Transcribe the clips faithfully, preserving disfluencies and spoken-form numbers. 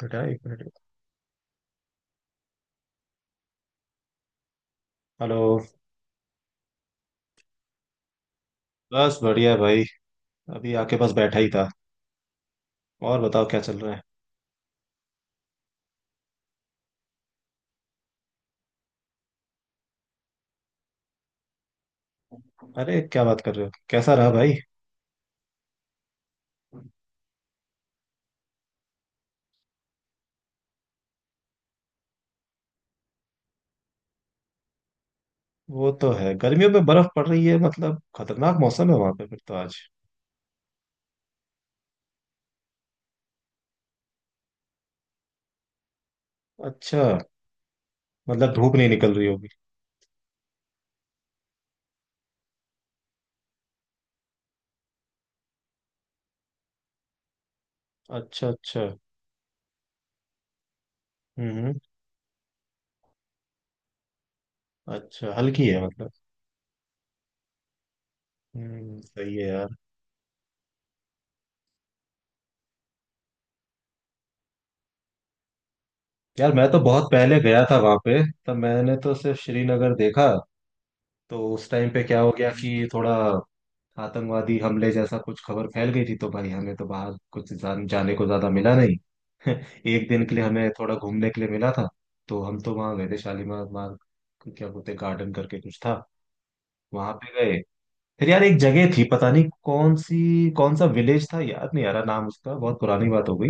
बेटा, एक minute. Hello. बस बढ़िया भाई। अभी आके बस बैठा ही था। और बताओ, क्या चल रहा है? अरे क्या बात कर रहे हो, कैसा रहा भाई? वो तो है, गर्मियों में बर्फ पड़ रही है, मतलब खतरनाक मौसम है वहां पे फिर तो। आज अच्छा। मतलब धूप नहीं निकल रही होगी? अच्छा, अच्छा। हम्म, हम्म। अच्छा, हल्की है मतलब। हम्म, सही है यार। यार, मैं तो बहुत पहले गया था वहां पे। तब मैंने तो सिर्फ श्रीनगर देखा। तो उस टाइम पे क्या हो गया कि थोड़ा आतंकवादी हमले जैसा कुछ खबर फैल गई थी, तो भाई हमें तो बाहर कुछ जान, जाने को ज्यादा मिला नहीं। एक दिन के लिए हमें थोड़ा घूमने के लिए मिला था। तो हम तो वहाँ गए थे शालीमार, मार क्या बोलते हैं, गार्डन करके कुछ था। वहां पे गए। फिर यार, एक जगह थी पता नहीं कौन सी, कौन सा विलेज था याद नहीं आ रहा नाम उसका, बहुत पुरानी बात हो गई।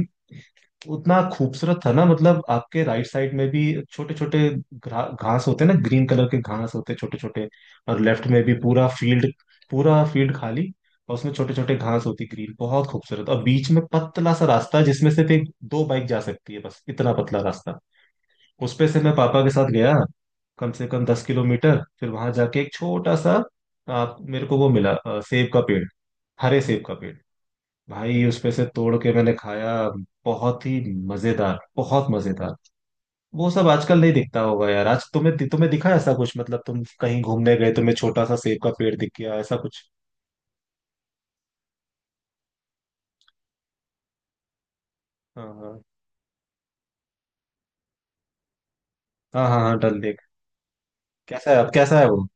उतना खूबसूरत था ना, मतलब आपके राइट साइड में भी छोटे छोटे घास होते हैं ना, ग्रीन कलर के घास होते छोटे छोटे, और लेफ्ट में भी पूरा फील्ड, पूरा फील्ड खाली। और उसमें छोटे छोटे घास होती ग्रीन, बहुत खूबसूरत। और बीच में पतला सा रास्ता जिसमें सिर्फ एक दो बाइक जा सकती है, बस इतना पतला रास्ता। उस पे से मैं पापा के साथ गया कम से कम दस किलोमीटर। फिर वहां जाके एक छोटा सा, आप मेरे को, वो मिला अ, सेब का पेड़। हरे सेब का पेड़। भाई उसमें से तोड़ के मैंने खाया, बहुत ही मजेदार, बहुत मजेदार। वो सब आजकल नहीं दिखता होगा यार। आज तुम्हें तुम्हें दिखा ऐसा कुछ? मतलब तुम कहीं घूमने गए, तुम्हें छोटा सा सेब का पेड़ दिख गया ऐसा कुछ? हाँ हाँ। हाँ हाँ हाँ, डल लेक। कैसा है अब? कैसा है वो?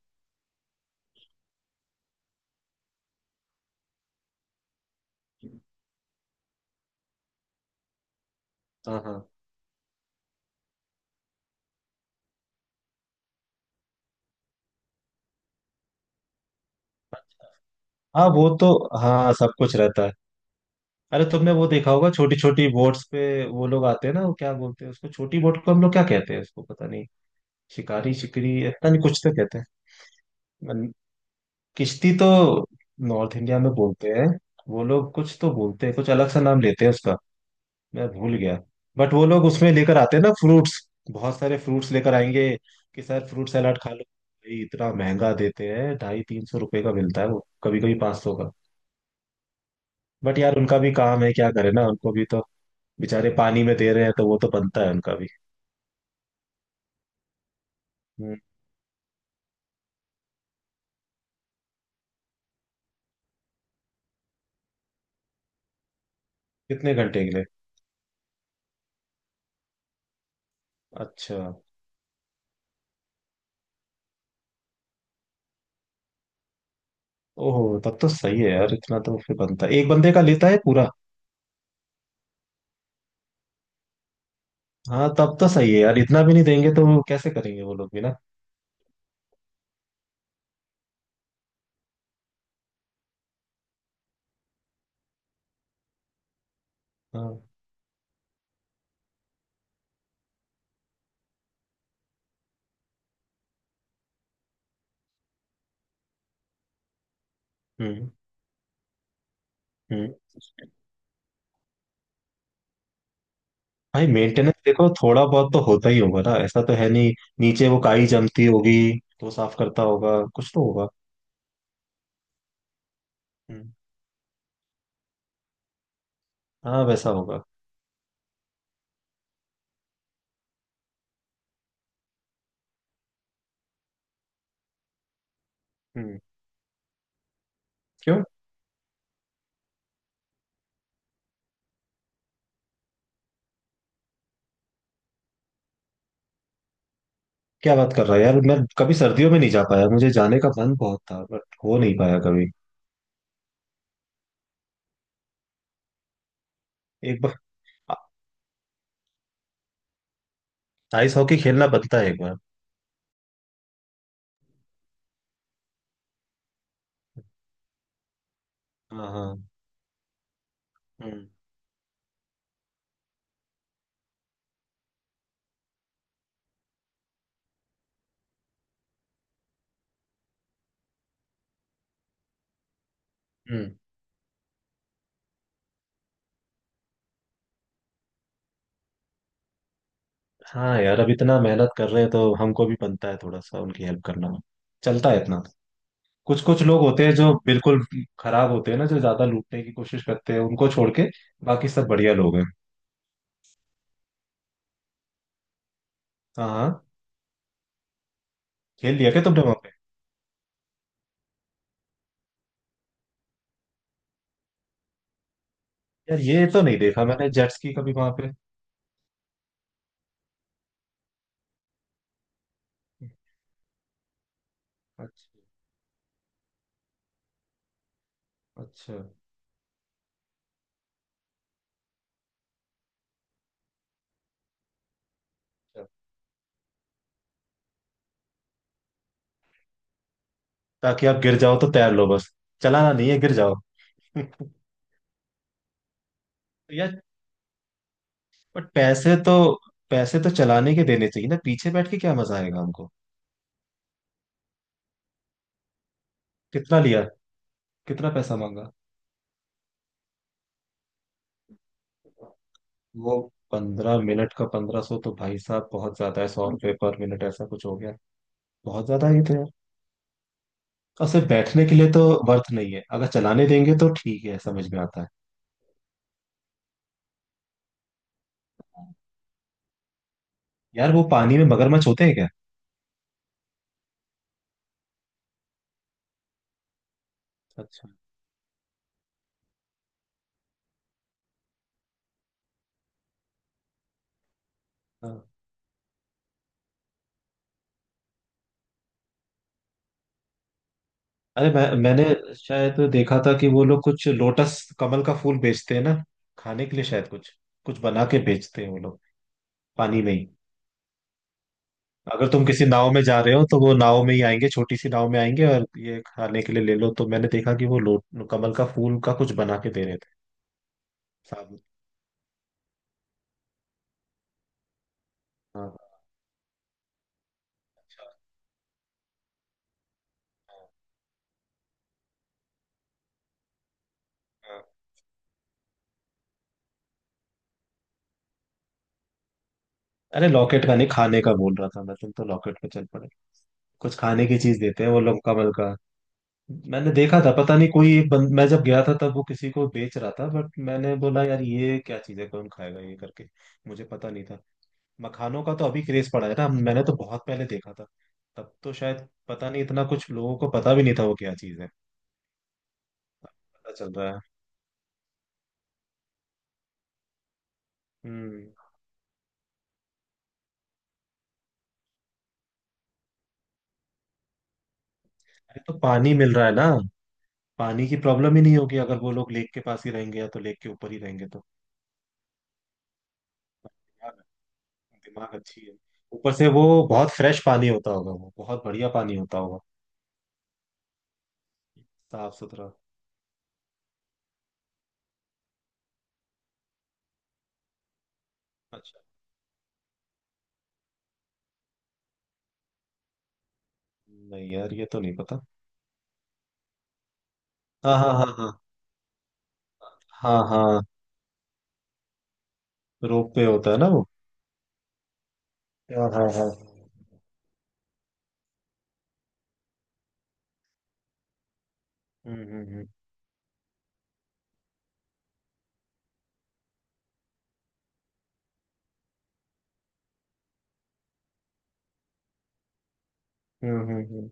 हाँ हाँ हाँ। वो तो, हाँ, सब कुछ रहता है। अरे तुमने वो देखा होगा, छोटी छोटी बोट्स पे वो लोग आते हैं ना, वो क्या बोलते हैं उसको? छोटी बोट को हम लोग क्या कहते हैं उसको, पता नहीं। शिकारी, शिकरी, पता नहीं, कुछ तो कहते हैं। किश्ती तो नॉर्थ इंडिया में बोलते हैं। वो लोग कुछ तो बोलते हैं, कुछ अलग सा नाम लेते हैं उसका, मैं भूल गया। बट वो लोग उसमें लेकर आते हैं ना फ्रूट्स। बहुत सारे फ्रूट्स लेकर आएंगे कि सर, फ्रूट सलाद खा लो भाई। इतना महंगा देते हैं, ढाई तीन सौ रुपए का मिलता है वो, कभी कभी पाँच सौ का। बट यार उनका भी काम है, क्या करे ना, उनको भी तो, बेचारे पानी में दे रहे हैं, तो वो तो बनता है उनका भी। हम्म। कितने घंटे के लिए? अच्छा। ओहो, तब तो सही है यार, इतना तो फिर बनता है। एक बंदे का लेता है पूरा? हाँ, तब तो सही है यार, इतना भी नहीं देंगे तो वो कैसे करेंगे वो लोग भी ना। हाँ। हम्म, हम्म। भाई मेंटेनेंस देखो, थोड़ा बहुत तो होता ही होगा ना, ऐसा तो है नहीं। नीचे वो काई जमती होगी, तो साफ करता होगा, कुछ तो होगा। हम्म। हाँ, वैसा होगा। हम्म। क्यों? क्या बात कर रहा है यार! मैं कभी सर्दियों में नहीं जा पाया, मुझे जाने का मन बहुत था बट हो नहीं पाया कभी। एक बार आइस हॉकी खेलना बनता है, एक बार। हाँ, हाँ। हम्म, हम्म। हाँ यार, अब इतना मेहनत कर रहे हैं तो हमको भी बनता है थोड़ा सा उनकी हेल्प करना। चलता है इतना। कुछ कुछ लोग होते हैं जो बिल्कुल खराब होते हैं ना, जो ज्यादा लूटने की कोशिश करते हैं, उनको छोड़ के बाकी सब बढ़िया लोग हैं। हाँ, हाँ। खेल लिया क्या तुमने वहां पे? यार ये तो नहीं देखा मैंने, जेट्स की कभी वहां पे। अच्छा, अच्छा, अच्छा। ताकि आप गिर जाओ तो तैर लो बस। चलाना नहीं है, गिर जाओ। तो यार, बट पैसे तो पैसे तो चलाने के देने चाहिए ना। पीछे बैठ के क्या मजा आएगा हमको? कितना लिया? कितना पैसा मांगा? वो पंद्रह मिनट का पंद्रह सौ तो भाई साहब बहुत ज्यादा है। सौ रुपये पर मिनट ऐसा कुछ हो गया। बहुत ज्यादा ही थे यार। और सिर्फ बैठने के लिए तो वर्थ नहीं है। अगर चलाने देंगे तो ठीक है, समझ में आता है। यार वो पानी में मगरमच्छ होते हैं क्या? अच्छा। हाँ। अरे मैं मैंने शायद देखा था कि वो लोग कुछ लोटस, कमल का फूल बेचते हैं ना। खाने के लिए शायद, कुछ कुछ बना के बेचते हैं वो लोग, पानी में ही। अगर तुम किसी नाव में जा रहे हो तो वो नाव में ही आएंगे, छोटी सी नाव में आएंगे, और ये खाने के लिए ले लो। तो मैंने देखा कि वो लो कमल का फूल का कुछ बना के दे रहे थे। साबुत। हाँ, हाँ। अरे लॉकेट का नहीं, खाने का बोल रहा था मैं, तुम तो लॉकेट पे चल पड़े। कुछ खाने की चीज देते हैं वो लोग कमल का। मैंने देखा था, पता नहीं, कोई एक बंद, मैं जब गया था तब वो किसी को बेच रहा था, बट मैंने बोला यार ये क्या चीज है, कौन खाएगा ये करके। मुझे पता नहीं था। मखानों का तो अभी क्रेज पड़ा है ना, मैंने तो बहुत पहले देखा था। तब तो शायद पता नहीं, इतना कुछ लोगों को पता भी नहीं था वो क्या चीज है। पता चल रहा है। हम्म। अरे तो पानी मिल रहा है ना, पानी की प्रॉब्लम ही नहीं होगी। अगर वो लोग लेक के पास ही रहेंगे, या तो लेक के ऊपर ही रहेंगे तो। दिमाग, दिमाग अच्छी है। ऊपर से वो बहुत फ्रेश पानी होता होगा, वो बहुत बढ़िया पानी होता होगा, साफ सुथरा। अच्छा। नहीं यार, ये तो नहीं पता। हाँ हाँ हाँ, हाँ हाँ हाँ। रोप पे होता है ना वो? हाँ हाँ हाँ। हम्म, हम्म, हम्म। हम्म, हम्म, हम्म।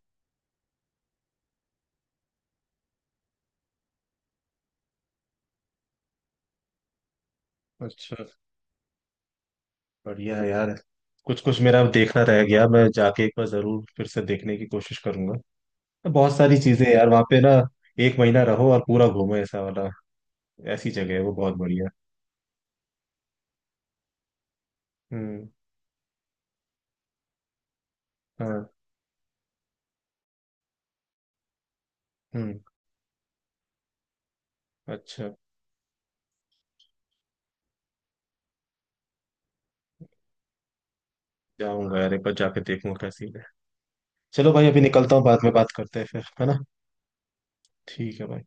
अच्छा, बढ़िया है यार। कुछ कुछ मेरा देखना रह गया, मैं जाके एक बार जरूर फिर से देखने की कोशिश करूंगा। बहुत सारी चीजें हैं यार वहाँ पे ना, एक महीना रहो और पूरा घूमो ऐसा वाला। ऐसी जगह है वो, बहुत बढ़िया। हम्म। हाँ। हम्म। अच्छा, जाऊंगा यार, एक बार जाके देखूंगा कैसी है। चलो भाई, अभी निकलता हूँ, बाद में बात करते हैं फिर, है ना? ठीक है भाई।